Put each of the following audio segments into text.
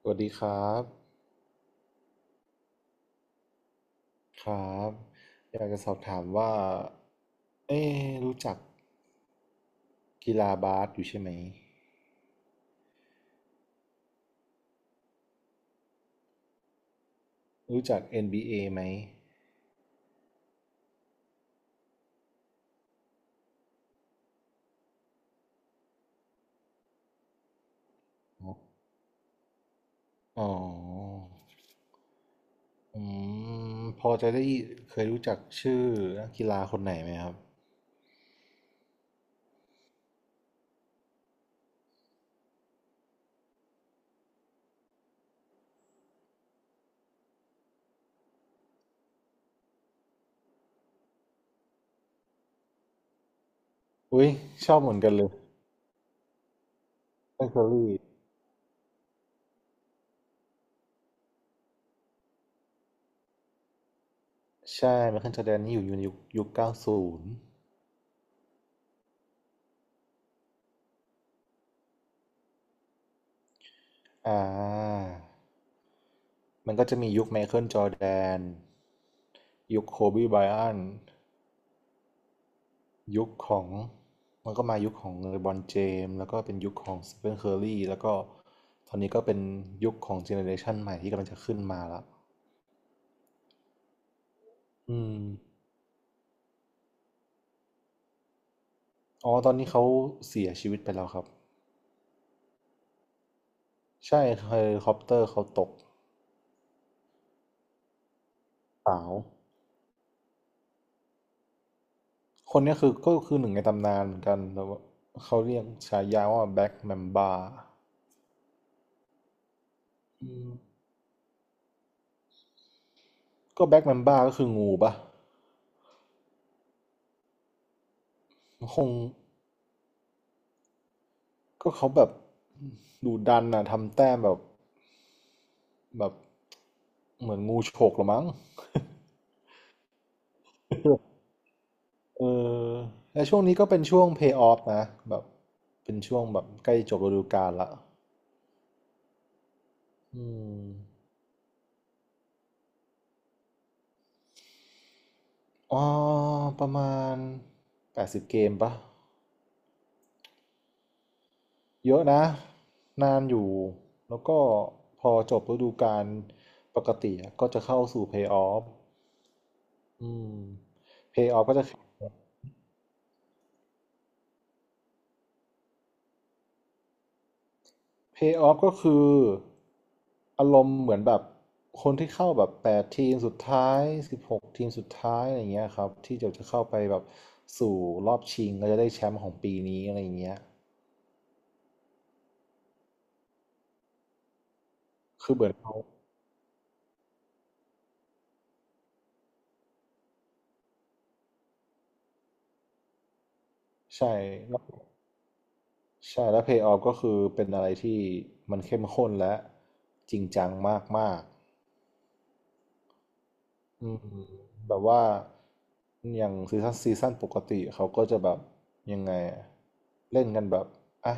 สวัสดีครับครับอยากจะสอบถามว่าเอ๊ะรู้จักกีฬาบาสอยู่ใช่ไหมรู้จัก NBA ไหมครับอ๋ออืมพอจะได้เคยรู้จักชื่อนักกีฬาคนไหนไหมครับอุ้ยชอบเหมือนกันเลยไมเคิลลีใช่ไมเคิลจอร์แดนนี่อยู่ในยุคเก้าศูนย์อ่ามันก็จะมียุคไมเคิลจอร์แดนยุคโคบีไบรอัน ยุคของมันก็มายุคของเลบรอนเจมส์แล้วก็เป็นยุคของสเตฟานเคอร์รี่แล้วก็ตอนนี้ก็เป็นยุคของเจเนอเรชันใหม่ที่กำลังจะขึ้นมาแล้วอืมอ๋อตอนนี้เขาเสียชีวิตไปแล้วครับใช่เฮลิคอปเตอร์เขาตกสาวคนเนี้ยคือก็คือหนึ่งในตำนานเหมือนกันแต่ว่าเขาเรียกฉายาว่าแบ็กแมมบาอืมก็แบ็กแมมบาก็คืองูปะคงก็เขาแบบดูดันอะทำแต้มแบบ แบบเหมือนงูฉกละมั้ง เออและช่วงนี้ก็เป็นช่วง pay off นะแบบเป็นช่วงแบบใกล้จบฤดูกาลละอืมอ๋อประมาณ80 เกมปะ เยอะนะนานอยู่ แล้วก็พอจบฤดูกาลปกติอะก็จะเข้าสู่ Playoff อืม Playoff ก็จะ Pay off ก็คืออารมณ์เหมือนแบบคนที่เข้าแบบแปดทีมสุดท้ายสิบหกทีมสุดท้ายอะไรเงี้ยครับที่จะเข้าไปแบบสู่รอบชิงก็จะได้แชมป์ของปีนี้อะไรเงี้ยคือเหมือนเขาใช่แล้วใช่แล้ว Pay off ก็คือเป็นอะไรที่มันเข้มข้นและจริงจังมากก อืมแบบว่าอย่างซีซั่นปกติเขาก็จะแบบยังไงอะเล่นกันแบบอ่ะ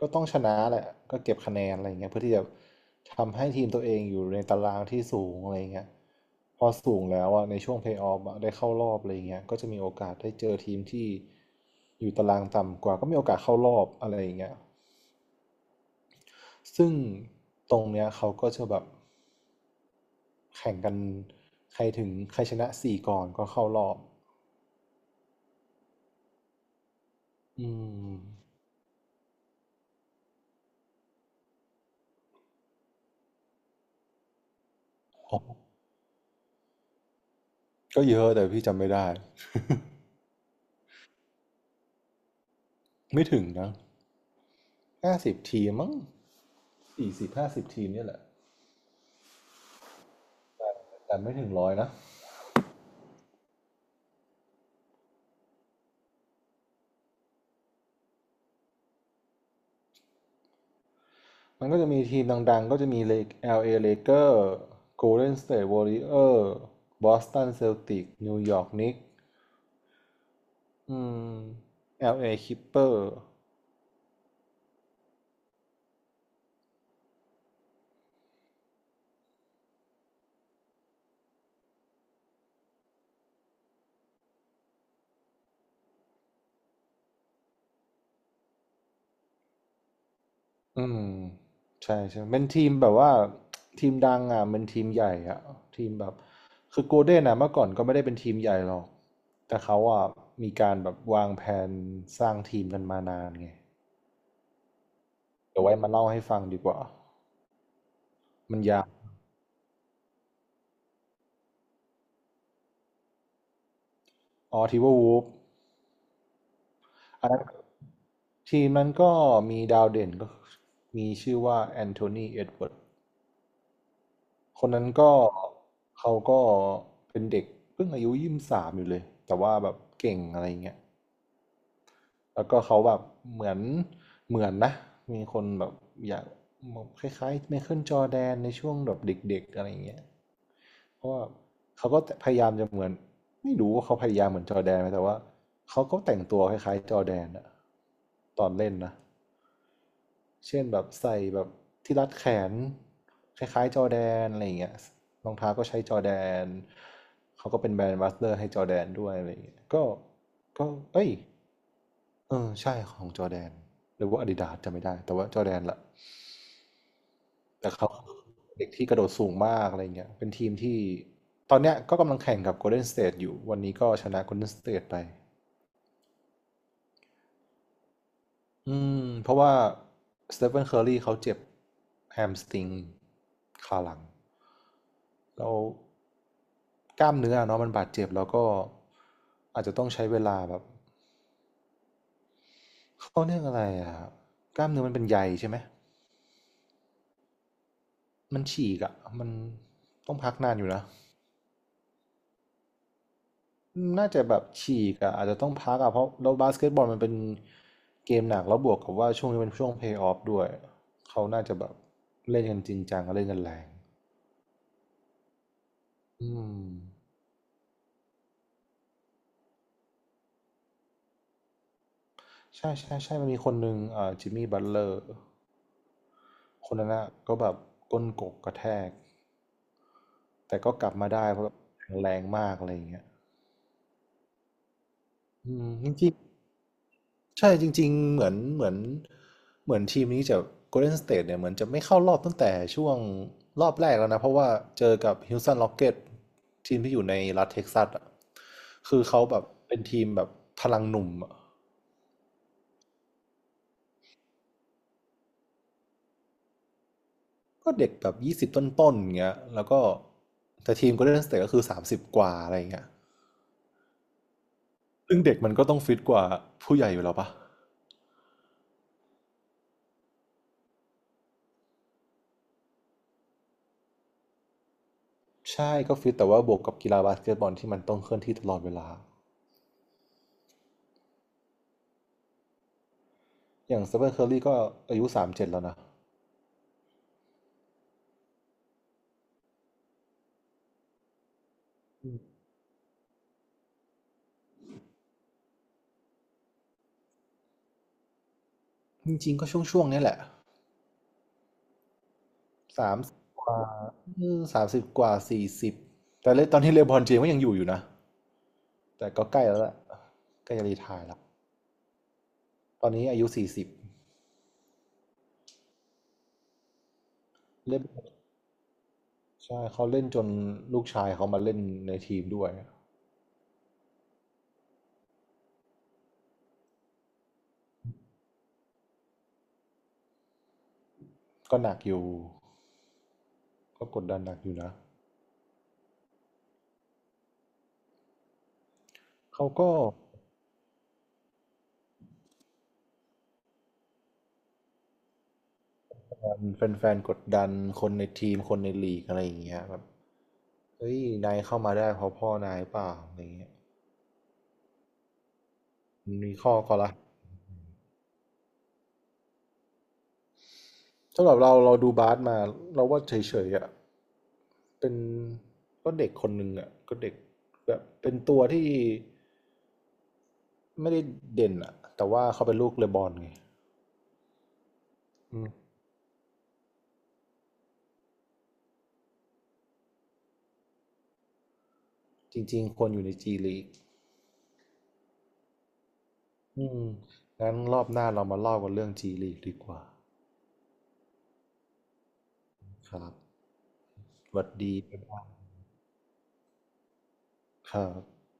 ก็ต้องชนะแหละก็เก็บคะแนนอะไรเงี้ยเพื่อที่จะทำให้ทีมตัวเองอยู่ในตารางที่สูงอะไรเงี้ยพอสูงแล้วอ่ะในช่วงเพลย์ออฟได้เข้ารอบอะไรเงี้ยก็จะมีโอกาสได้เจอทีมที่อยู่ตารางต่ำกว่าก็มีโอกาสเข้ารอบอะไรอย่างเงี้ย ซึ่งตรงเนี้ยเขาก็จะแบบแข่งกันใครถึงใครชนะสี่ก่อนก็เข้ารอบอืมอ๋อก็เยอะแต่พี่จำไม่ได้ ไม่ถึงนะ50 ทีมมั้งสี่สิบห้าสิบทีมเนี่ยแหละ แต่ไม่ถึง100นะ มันก็จะมีทีมดังๆก็จะมีเล LA Lakers Golden State Warrior Boston Celtics New York Knicks อืม LA Clipper อืมใช่ใช่เป็นทีมแบบว่าทีมดังอ่ะมันทีมใหญ่อ่ะทีมแบบคือโกลเด้นอ่ะเมื่อก่อนก็ไม่ได้เป็นทีมใหญ่หรอกแต่เขาอ่ะมีการแบบวางแผนสร้างทีมกันมานานไงเดี๋ยวไว้มาเล่าให้ฟังดีกว่ามันยาวอ๋อทีเวอร์วูฟอันนั้นทีมนั้นก็มีดาวเด่นก็มีชื่อว่าแอนโทนีเอ็ดเวิร์ดคนนั้นก็เขาก็เป็นเด็กเพิ่งอายุ23อยู่เลยแต่ว่าแบบเก่งอะไรเงี้ย แล้วก็เขาแบบเหมือนเหมือนนะมีคนแบบอยากคล้ายๆไมเคิลจอร์แดนในช่วงแบบเด็กๆอะไรอย่างเงี้ยเพราะว่าเขาก็พยายามจะเหมือนไม่รู้ว่าเขาพยายามเหมือนจอร์แดนไหมแต่ว่าเขาก็แต่งตัวคล้ายๆจอร์แดนอะตอนเล่นนะเช่นแบบใส่แบบที่รัดแขนคล้ายๆจอร์แดนอะไรอย่างเงี้ยรองเท้าก็ใช้จอร์แดนเขาก็เป็นแบรนด์แอมบัสเดอร์ให้จอร์แดนด้วยอะไรอย่างเงี้ยก็ก็เอ้ย เออใช่ของจอร์แดนหรือว่าอาดิดาสจำไม่ได้แต่ว่าจอร์แดนละแต่เขาเด็กที่กระโดดสูงมากอะไรเงี้ยเป็นทีมที่ตอนเนี้ยก็กำลังแข่งกับโกลเด้นสเต e อยู่วันนี้ก็ชนะโกลเด้นสเต e ไปอืมเพราะว่าสเตฟ h นเคอร์รีเขาเจ็บแฮมสตริงขาหลังแล้วกล้ามเนื้อเนาะมันบาดเจ็บแล้วก็อาจจะต้องใช้เวลาแบบเขาเรียกอะไรอะกล้ามเนื้อมันเป็นใยใช่ไหม มันฉีกอะมันต้องพักนานอยู่นะ น่าจะแบบฉีกอะอาจจะต้องพักอะเพราะเราบาสเกตบอลมันเป็นเกมหนักแล้วบวกกับว่าช่วงนี้เป็นช่วงเพลย์ออฟด้วย เขาน่าจะแบบเล่นกันจริงจังเล่นกันแรงอืมใช่ใช่ใช่ มันมีคนหนึ่งจิมมี่บัตเลอร์คนนั้นนะก็แบบก้นกกกระแทก แต่ก็กลับมาได้เพราะแบบแข็งแรงมากอะไรอย่างเงี้ยอืมจริง ใช่จริงๆเหมือนทีมนี้จะ Golden State เนี่ยเหมือนจะไม่เข้ารอบตั้งแต่ช่วงรอบแรกแล้วนะเพราะว่าเจอกับ Houston Rockets ทีมที่อยู่ในรัฐเท็กซัสอ่ะคือเขาแบบเป็นทีมแบบพลังหนุ่มอะก็เด็กแบบยี่สิบต้นๆอย่างเงี้ยแล้วก็แต่ทีม Golden State ก็คือสามสิบกว่าอะไรอย่างเงี้ยซึ่งเด็กมันก็ต้องฟิตกว่าผู้ใหญ่อยู่แล้วปะใช่ก็ฟิตแต่ว่าบวกกับกีฬาบาสเกตบอลที่มันต้องเคลื่อนที่ตลอดเวลาอย่างเซเ n นเคอรีก็อายุ37แล้วนะ จริงๆก็ช่วงๆเนี้ยแหละสามสิบกว่าสามสิบกว่าสี่สิบแต่เลยตอนนี้เลบรอนเจมส์ก็ยังอยู่นะแต่ก็ใกล้แล้วแหละใกล้จะรีไทร์แล้วตอนนี้อายุสี่สิบเล่นใช่เขาเล่นจนลูกชายเขามาเล่นในทีมด้วยก็หนักอยู่ก็กดดันหนักอยู่นะเขาก็แฟนๆกดดันคนในทีมคนในลีกอะไรอย่างเงี้ยแบบเฮ้ยนายเข้ามาได้เพราะพ่อนายเปล่าอะไรอย่างเงี้ยมันมีข้อก็ละสำหรับเราเราดูบาสมาเราว่าเฉยๆอะ เป็นก็เด็กคนหนึ่งอ่ะก็เด็กแบบเป็นตัวที่ไม่ได้เด่นอ่ะแต่ว่าเขาเป็นลูกเลบอนไงอืมจริงๆควรอยู่ในจีลีกอืมงั้นรอบหน้าเรามาเล่ากันเรื่องจีลีกดีกว่าครับสวัสดีครับ